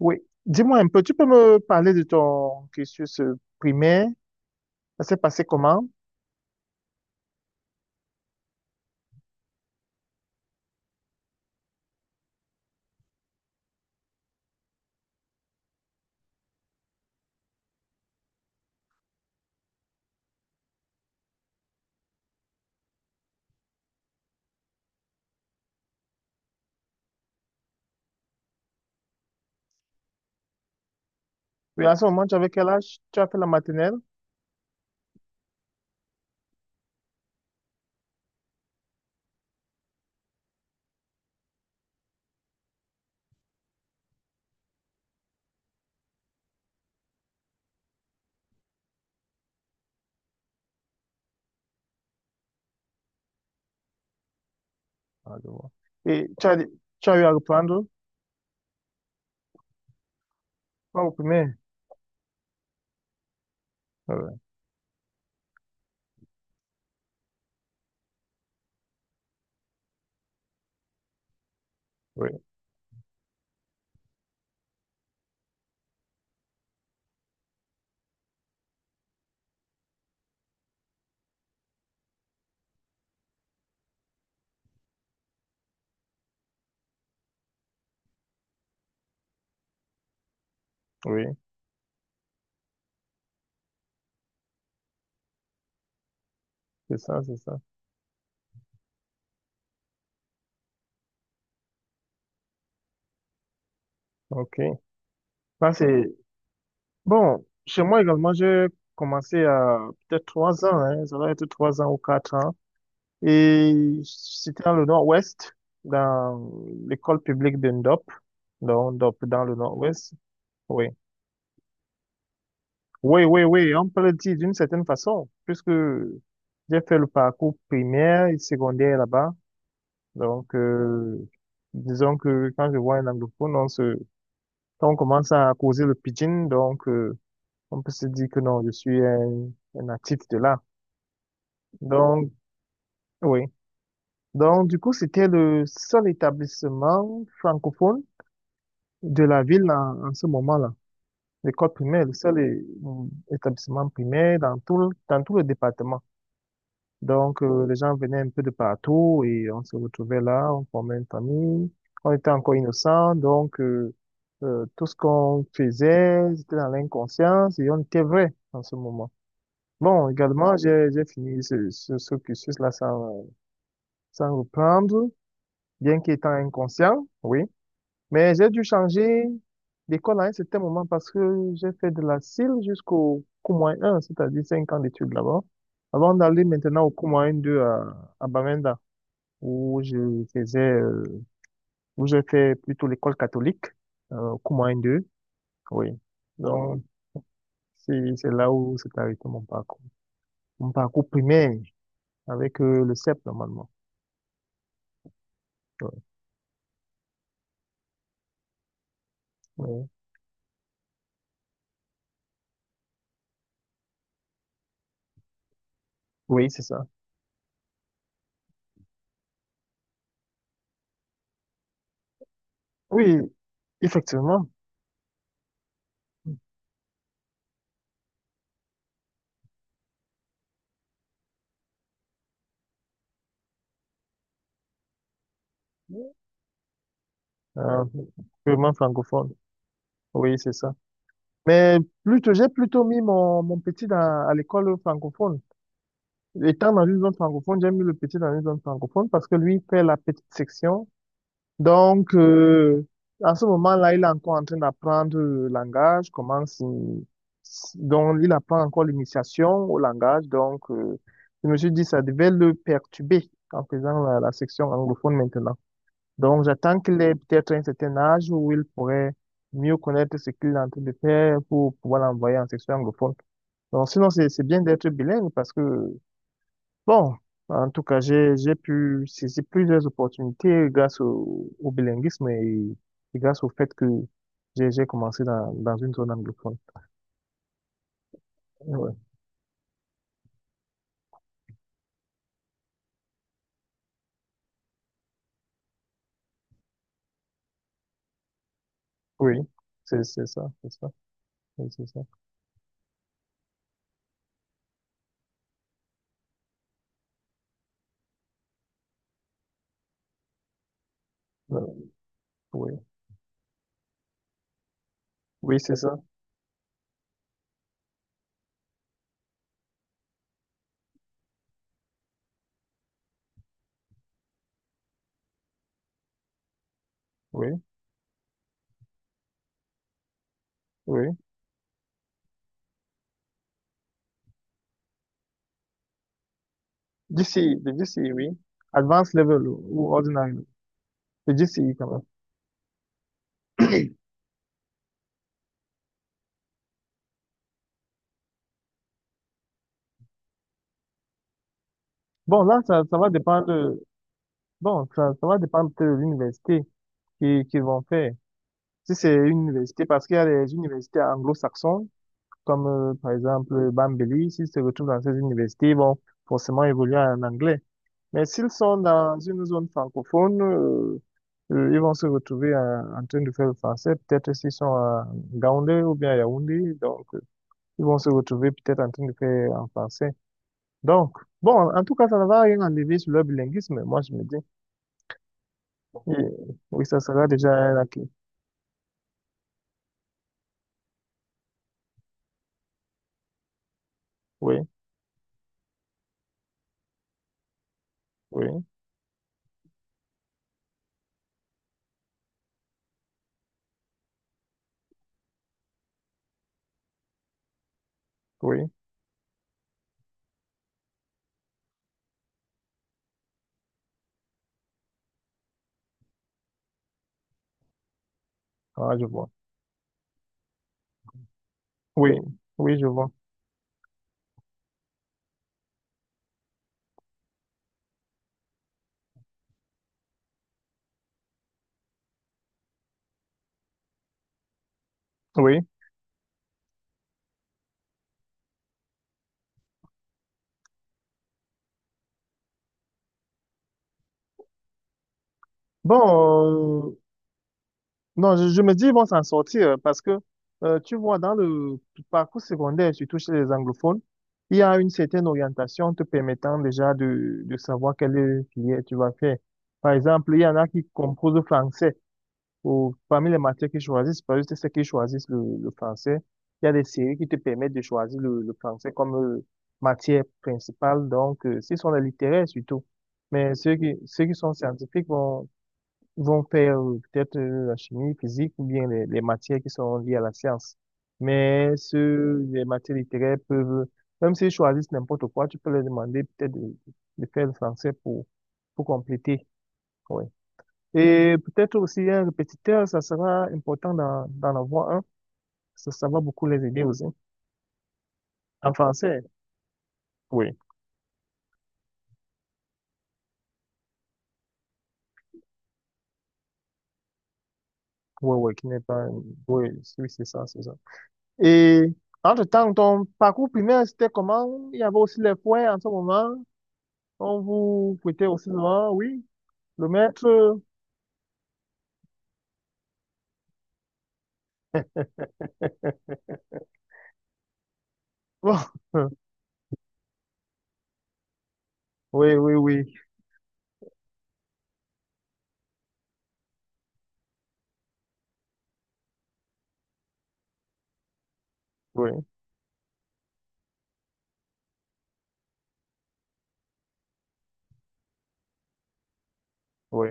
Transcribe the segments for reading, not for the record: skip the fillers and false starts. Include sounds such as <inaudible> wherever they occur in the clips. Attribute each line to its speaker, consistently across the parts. Speaker 1: Oui. Dis-moi un peu, tu peux me parler de ton cursus primaire? Ça s'est passé comment? Oui, à ce moment, tu avais quel âge? Tu as fait la maternelle? Ah, je vois. Et tu as eu à reprendre? Pas au primaire? Ah ouais. Oui, oui, c'est ça, c'est ça. OK. Ça, c'est. Bon, chez moi également, j'ai commencé à peut-être 3 ans, hein, ça doit être 3 ans ou 4 ans. Et c'était dans le nord-ouest, dans l'école publique de Ndop, donc Ndop dans le nord-ouest. Oui. Oui, oui, oui, on peut le dire d'une certaine façon, puisque j'ai fait le parcours primaire et secondaire là-bas. Donc, disons que quand je vois un anglophone, on se, quand on commence à causer le pidgin, donc, on peut se dire que non, je suis un natif de là. Donc, oui. Donc, du coup, c'était le seul établissement francophone de la ville en ce moment-là. L'école primaire, établissement primaire dans tout, dans tout le département. Donc, les gens venaient un peu de partout et on se retrouvait là, on formait une famille. On était encore innocents, donc tout ce qu'on faisait, c'était dans l'inconscience et on était vrai en ce moment. Bon, également, j'ai fini ce cursus-là sans, sans reprendre, bien qu'étant inconscient, oui. Mais j'ai dû changer d'école à un certain moment parce que j'ai fait de la CIL jusqu'au Cours 1, c'est-à-dire 5 ans d'études là-bas, avant d'aller maintenant au Cours 2 à où je faisais, où j'ai fait plutôt l'école catholique, Coumans 2, oui. Donc, c'est là où s'est arrêté mon parcours. Mon parcours primaire avec le CEP, normalement. Ouais, ouais. Oui, c'est ça. Oui, effectivement. Euh, purement francophone. Oui, c'est ça. Mais plutôt, j'ai plutôt mis mon petit dans, à l'école francophone. Étant dans une zone francophone, j'ai mis le petit dans une zone francophone parce que lui fait la petite section. Donc, à ce moment-là, il est encore en train d'apprendre le langage, comment donc il apprend encore l'initiation au langage. Donc, je me suis dit, ça devait le perturber en faisant la section anglophone maintenant. Donc, j'attends qu'il ait peut-être un certain âge où il pourrait mieux connaître ce qu'il est en train de faire pour pouvoir l'envoyer en section anglophone. Donc, sinon, c'est bien d'être bilingue parce que bon, en tout cas, j'ai pu saisir plusieurs opportunités grâce au bilinguisme et grâce au fait que j'ai commencé dans une zone anglophone. Ouais. Oui, c'est ça, c'est ça. Euh, Oui, oui, c'est ça, oui, oui. GCE, le GCE, oui. Advanced level ou ordinary, le GCE quand même. Bon, là, ça va dépendre, bon, ça va dépendre de l'université qui vont faire. Si c'est une université, parce qu'il y a des universités anglo-saxons, comme par exemple Bambéli, s'ils se retrouvent dans ces universités, ils vont forcément évoluer en anglais. Mais s'ils sont dans une zone francophone, ils vont se retrouver train de faire le français, peut-être s'ils sont à Yaoundé ou bien à Yaoundé, donc ils vont se retrouver peut-être en train de faire en français. Donc, bon, en tout cas, ça ne va rien enlever sur le bilinguisme, moi je me dis. Oui, oui, ça sera déjà un acquis. Oui, oui, oui, ah, je vois. Oui, oui, je vois. Oui. Bon, euh, non, je me dis, ils vont s'en sortir parce que, tu vois, dans le parcours secondaire, surtout chez les anglophones, il y a une certaine orientation te permettant déjà de savoir quelle filière tu vas faire. Par exemple, il y en a qui composent le français ou parmi les matières qu'ils choisissent, parce que c'est ceux qui choisissent le français. Il y a des séries qui te permettent de choisir le français comme matière principale. Donc, ce sont les littéraires surtout. Mais ceux qui sont scientifiques ils vont faire peut-être la chimie, physique ou bien les matières qui sont liées à la science. Mais ceux, les matières littéraires peuvent, même s'ils choisissent n'importe quoi, tu peux leur demander peut-être de faire le français pour compléter. Ouais. Et peut-être aussi un répétiteur, ça sera important d'en avoir un. Ça va beaucoup les aider aussi. En français, oui. Oui, oui, qui n'est pas. Oui, oui, c'est ça, c'est ça. Et entre-temps, ton parcours primaire, c'était comment? Il y avait aussi les points en ce moment. On vous prêtait aussi souvent, oui. Le maître, bon, <laughs> oui, oui, oui, oui, oui,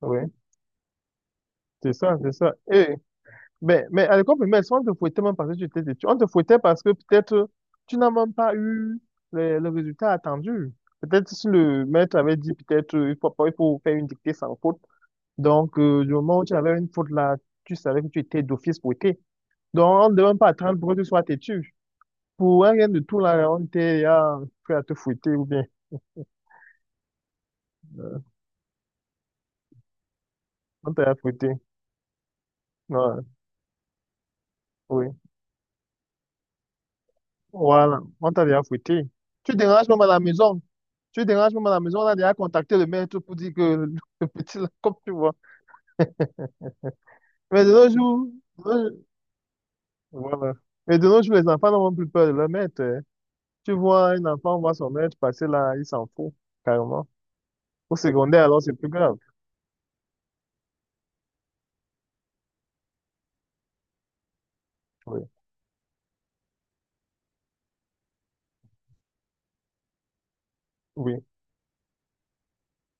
Speaker 1: oui. C'est ça, c'est ça. Et, mais à l'école primaire, si on te fouettait même parce que tu étais têtu. On te fouettait parce que peut-être tu n'as même pas eu le résultat attendu. Peut-être si le maître avait dit, peut-être, il faut faire une dictée sans faute. Donc, du moment où tu avais une faute là, tu savais que tu étais d'office fouetté. Donc, on ne devait même pas attendre pour que tu sois têtu. Pour un rien de tout là, on était là, prêt à te fouetter ou bien. euh, On t'a bien fouetté. Ouais, oui. Voilà, on t'a bien fouetté. Tu déranges même à la maison. Tu déranges même à la maison. On a déjà contacté le maître pour dire que le petit, là, comme tu vois. Mais de nos jours, de nos- voilà. Mais de nos jours, les enfants n'ont même plus peur de leur maître, hein. Tu vois un enfant, on voit son maître passer là, il s'en fout, carrément. Au secondaire, alors, c'est plus grave. Oui, oui,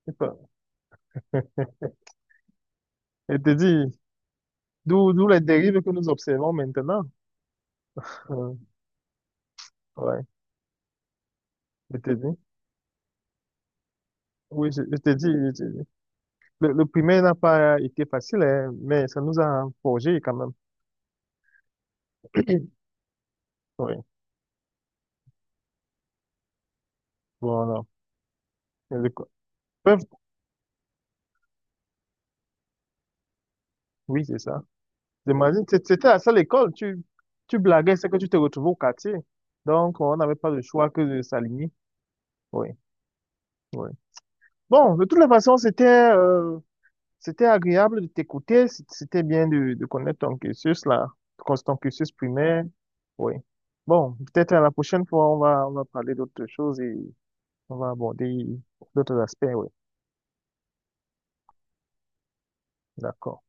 Speaker 1: c'est ça. <laughs> Et te dis, <laughs> d'où les dérives que nous observons maintenant. Euh, ouais, je te dis. Oui, je te dis. Le primaire n'a pas été facile, hein, mais ça nous a forgé quand même. <clears throat> Oui, voilà. Et l'éco- Peuvent- Oui, c'est ça. J'imagine, c'était à ça l'école. Tu blaguais, c'est que tu te retrouvais au quartier. Donc, on n'avait pas le choix que de s'aligner. Oui, oui. Bon, de toutes les façons, euh, c'était agréable de t'écouter. C'était bien de connaître ton cursus, là, ton cursus primaire. Oui. Bon, peut-être à la prochaine fois, on va parler d'autres choses et on va aborder d'autres aspects. Oui. D'accord.